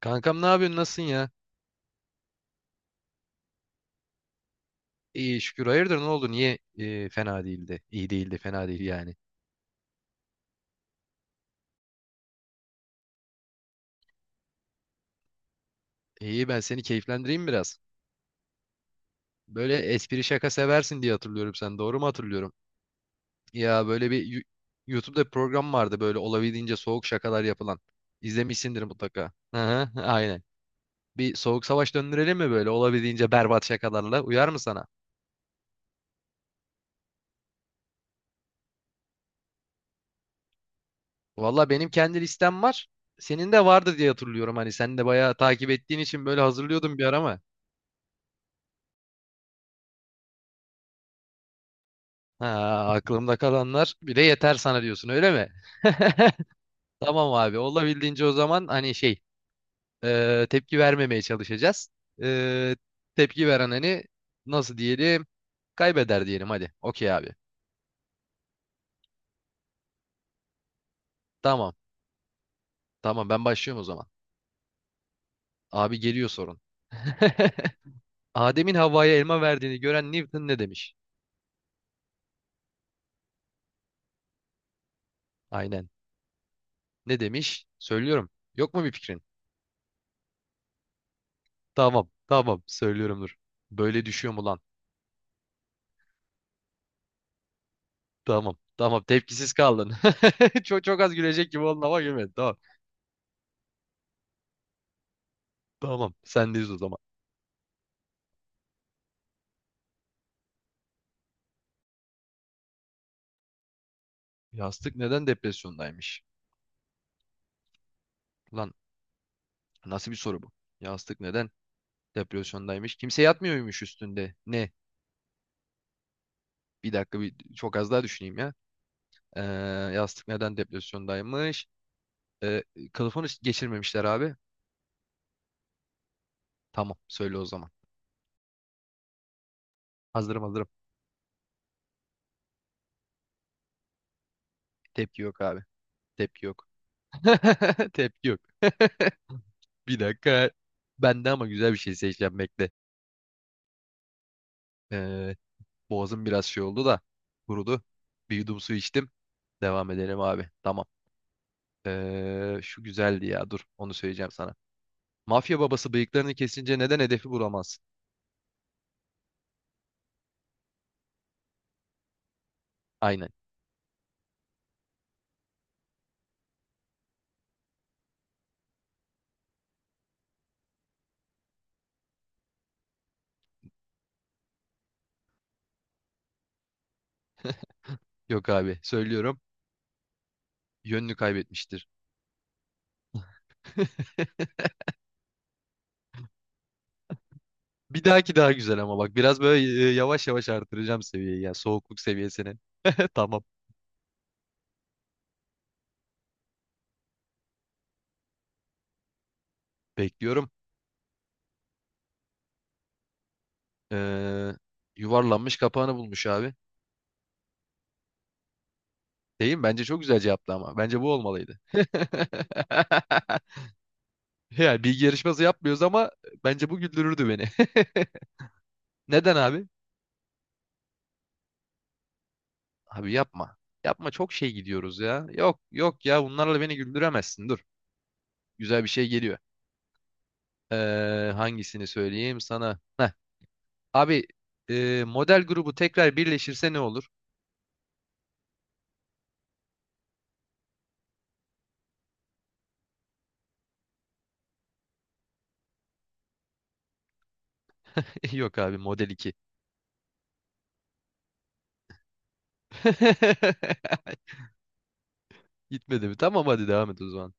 Kankam ne yapıyorsun? Nasılsın ya? İyi şükür. Hayırdır ne oldu? Niye fena değildi? İyi değildi, fena değil yani. İyi, ben seni keyiflendireyim biraz. Böyle espri şaka seversin diye hatırlıyorum sen. Doğru mu hatırlıyorum? Ya böyle bir YouTube'da bir program vardı, böyle olabildiğince soğuk şakalar yapılan. İzlemişsindir mutlaka. Hı hı, aynen. Bir soğuk savaş döndürelim mi, böyle olabildiğince berbat şakalarla? Uyar mı sana? Valla benim kendi listem var. Senin de vardı diye hatırlıyorum. Hani sen de bayağı takip ettiğin için böyle hazırlıyordum bir ara ama. Ha, aklımda kalanlar bir de yeter sana diyorsun, öyle mi? Tamam abi, olabildiğince o zaman hani şey, tepki vermemeye çalışacağız. E, tepki veren hani nasıl diyelim, kaybeder diyelim hadi. Okey abi. Tamam tamam, ben başlıyorum o zaman. Abi geliyor sorun. Adem'in Havva'ya elma verdiğini gören Newton ne demiş? Aynen. Ne demiş? Söylüyorum. Yok mu bir fikrin? Tamam tamam, söylüyorum, dur. Böyle düşüyor mu lan? Tamam. Tamam. Tepkisiz kaldın. Çok çok az gülecek gibi oldun ama gülmedin. Tamam. Tamam. Sendeyiz o zaman. Yastık neden depresyondaymış? Lan, nasıl bir soru bu? Yastık neden depresyondaymış? Kimse yatmıyormuş üstünde. Ne? Bir dakika, bir çok az daha düşüneyim ya. Ee, yastık neden depresyondaymış? Ee, kılıfını geçirmemişler abi. Tamam. Söyle o zaman. Hazırım hazırım. Tepki yok abi. Tepki yok. Tepki yok. Bir dakika. Ben de ama güzel bir şey seçeceğim, bekle. Ee, Boğazım biraz şey oldu da kurudu. Bir yudum su içtim. Devam edelim abi. Tamam. Şu güzeldi ya. Dur, onu söyleyeceğim sana. Mafya babası bıyıklarını kesince neden hedefi vuramazsın? Aynen. Yok abi, söylüyorum. Yönünü kaybetmiştir. Bir dahaki daha güzel ama bak, biraz böyle yavaş yavaş artıracağım seviyeyi ya, soğukluk seviyesini. Tamam, bekliyorum. Ee, yuvarlanmış kapağını bulmuş abi. Değil mi? Bence çok güzel cevaptı ama. Bence bu olmalıydı. Yani bilgi yarışması yapmıyoruz ama bence bu güldürürdü beni. Neden abi? Abi yapma. Yapma, çok şey gidiyoruz ya. Yok yok ya, bunlarla beni güldüremezsin. Dur. Güzel bir şey geliyor. Hangisini söyleyeyim sana? Heh. Abi, model grubu tekrar birleşirse ne olur? Yok abi, model 2. Gitmedi mi? Tamam hadi devam et o zaman.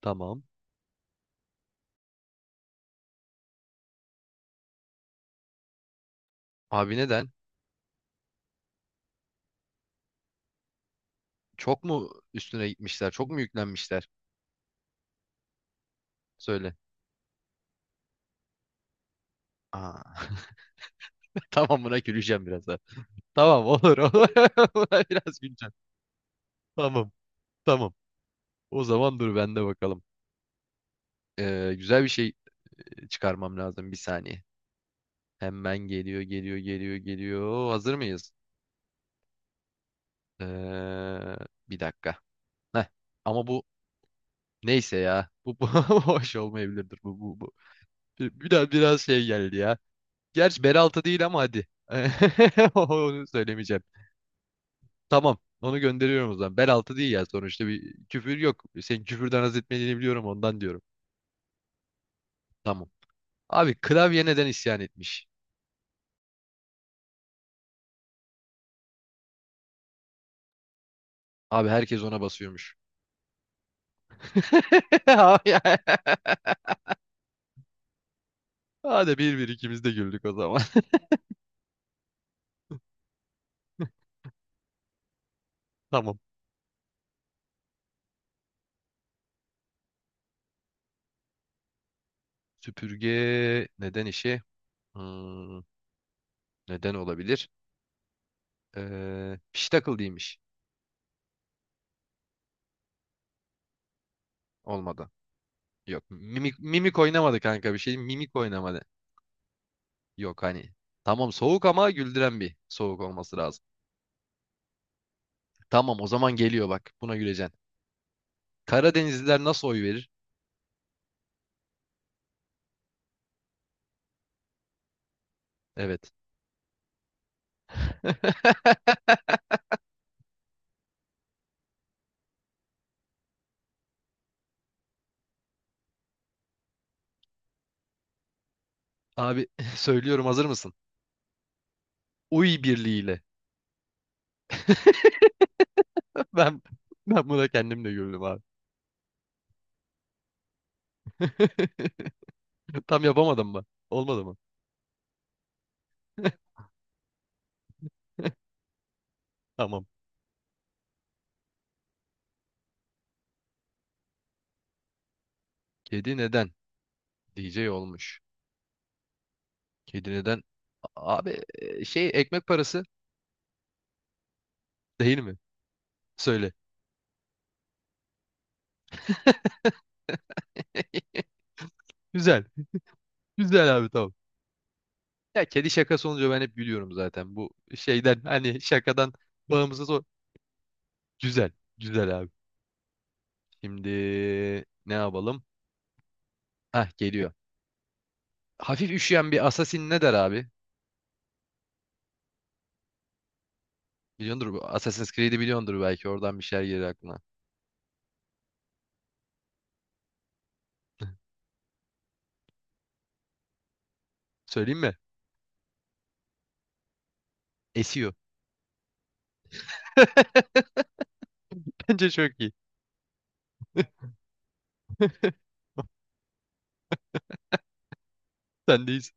Tamam. Abi neden? Çok mu üstüne gitmişler? Çok mu yüklenmişler? Söyle. Aa. Tamam, buna güleceğim biraz. Tamam olur olur. Biraz güncel. Tamam tamam. O zaman dur, bende bakalım. Güzel bir şey çıkarmam lazım bir saniye. Hemen geliyor geliyor geliyor geliyor. Hazır mıyız? Ee, bir dakika. Heh. Ama bu neyse ya. Bu hoş olmayabilirdir bu. Biraz şey geldi ya. Gerçi beraltı değil ama hadi. Onu söylemeyeceğim. Tamam. Onu gönderiyorum o zaman. Beraltı değil ya sonuçta, bir küfür yok. Senin küfürden haz etmediğini biliyorum, ondan diyorum. Tamam. Abi, klavye neden isyan etmiş? Abi, herkes ona basıyormuş. Abi, ya. Hadi, bir bir ikimiz de güldük o zaman. Tamam. Süpürge neden işi? Hmm, neden olabilir? Piştakıl değilmiş. Olmadı. Yok. Mimik oynamadı kanka, bir şey. Mimik oynamadı. Yok hani. Tamam, soğuk ama güldüren bir soğuk olması lazım. Tamam o zaman geliyor bak. Buna güleceksin. Karadenizliler nasıl oy verir? Evet. Abi söylüyorum, hazır mısın? Uy birliğiyle. Ben ben buna kendim de güldüm abi. Tam yapamadım mı? Olmadı mı? Tamam. Kedi neden DJ olmuş? Kedi neden? Abi, şey ekmek parası değil mi? Söyle. Güzel. Güzel abi, tamam. Ya kedi şakası olunca ben hep gülüyorum zaten. Bu şeyden, hani şakadan bağımsız o. Güzel. Güzel abi. Şimdi ne yapalım? Hah, geliyor. Hafif üşüyen bir assassin ne der abi? Biliyordur bu. Assassin's Creed'i biliyordur belki. Oradan bir şeyler gelir aklına. Söyleyeyim mi? Esiyor. Bence çok iyi. Sendeyiz.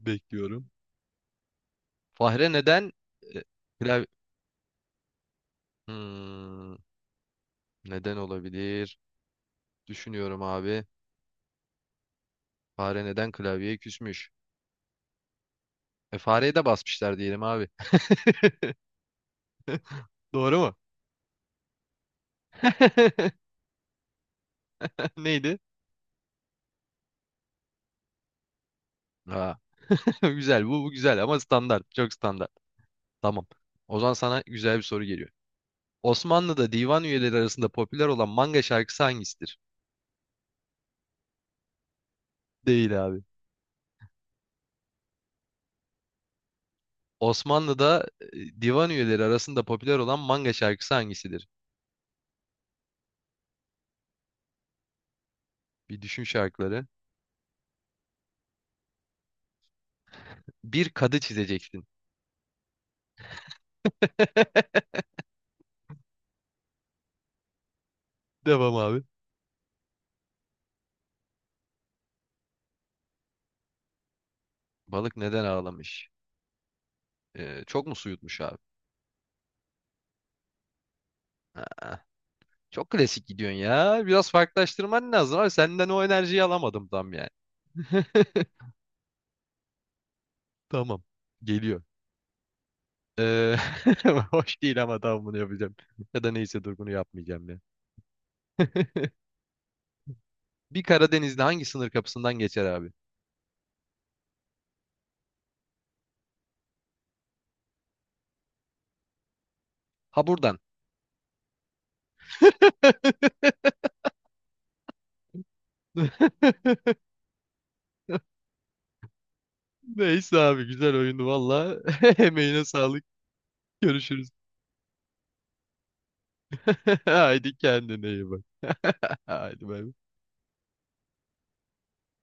Bekliyorum. Fahre neden e, klavye... Hmm, neden olabilir? Düşünüyorum abi. Fahre neden klavyeye küsmüş? E, fareye de basmışlar diyelim abi. Doğru mu? Neydi? Aa, güzel bu, bu güzel ama standart. Çok standart. Tamam. O zaman sana güzel bir soru geliyor. Osmanlı'da divan üyeleri arasında popüler olan manga şarkısı hangisidir? Değil abi. Osmanlı'da divan üyeleri arasında popüler olan manga şarkısı hangisidir? Bir düşün şarkıları. Bir kadı çizeceksin. Devam abi. Balık neden ağlamış? Çok mu su yutmuş abi? Aa, çok klasik gidiyorsun ya. Biraz farklılaştırman lazım abi. Senden o enerjiyi alamadım tam, yani. Tamam. Geliyor. Ee, Hoş değil ama tamam, bunu yapacağım. Ya da neyse, dur, bunu yapmayacağım ya. Bir Karadenizli hangi sınır kapısından geçer abi? Ha, buradan. Neyse abi, güzel oyundu valla. Emeğine sağlık. Görüşürüz. Haydi, kendine iyi bak. Haydi, bay bay.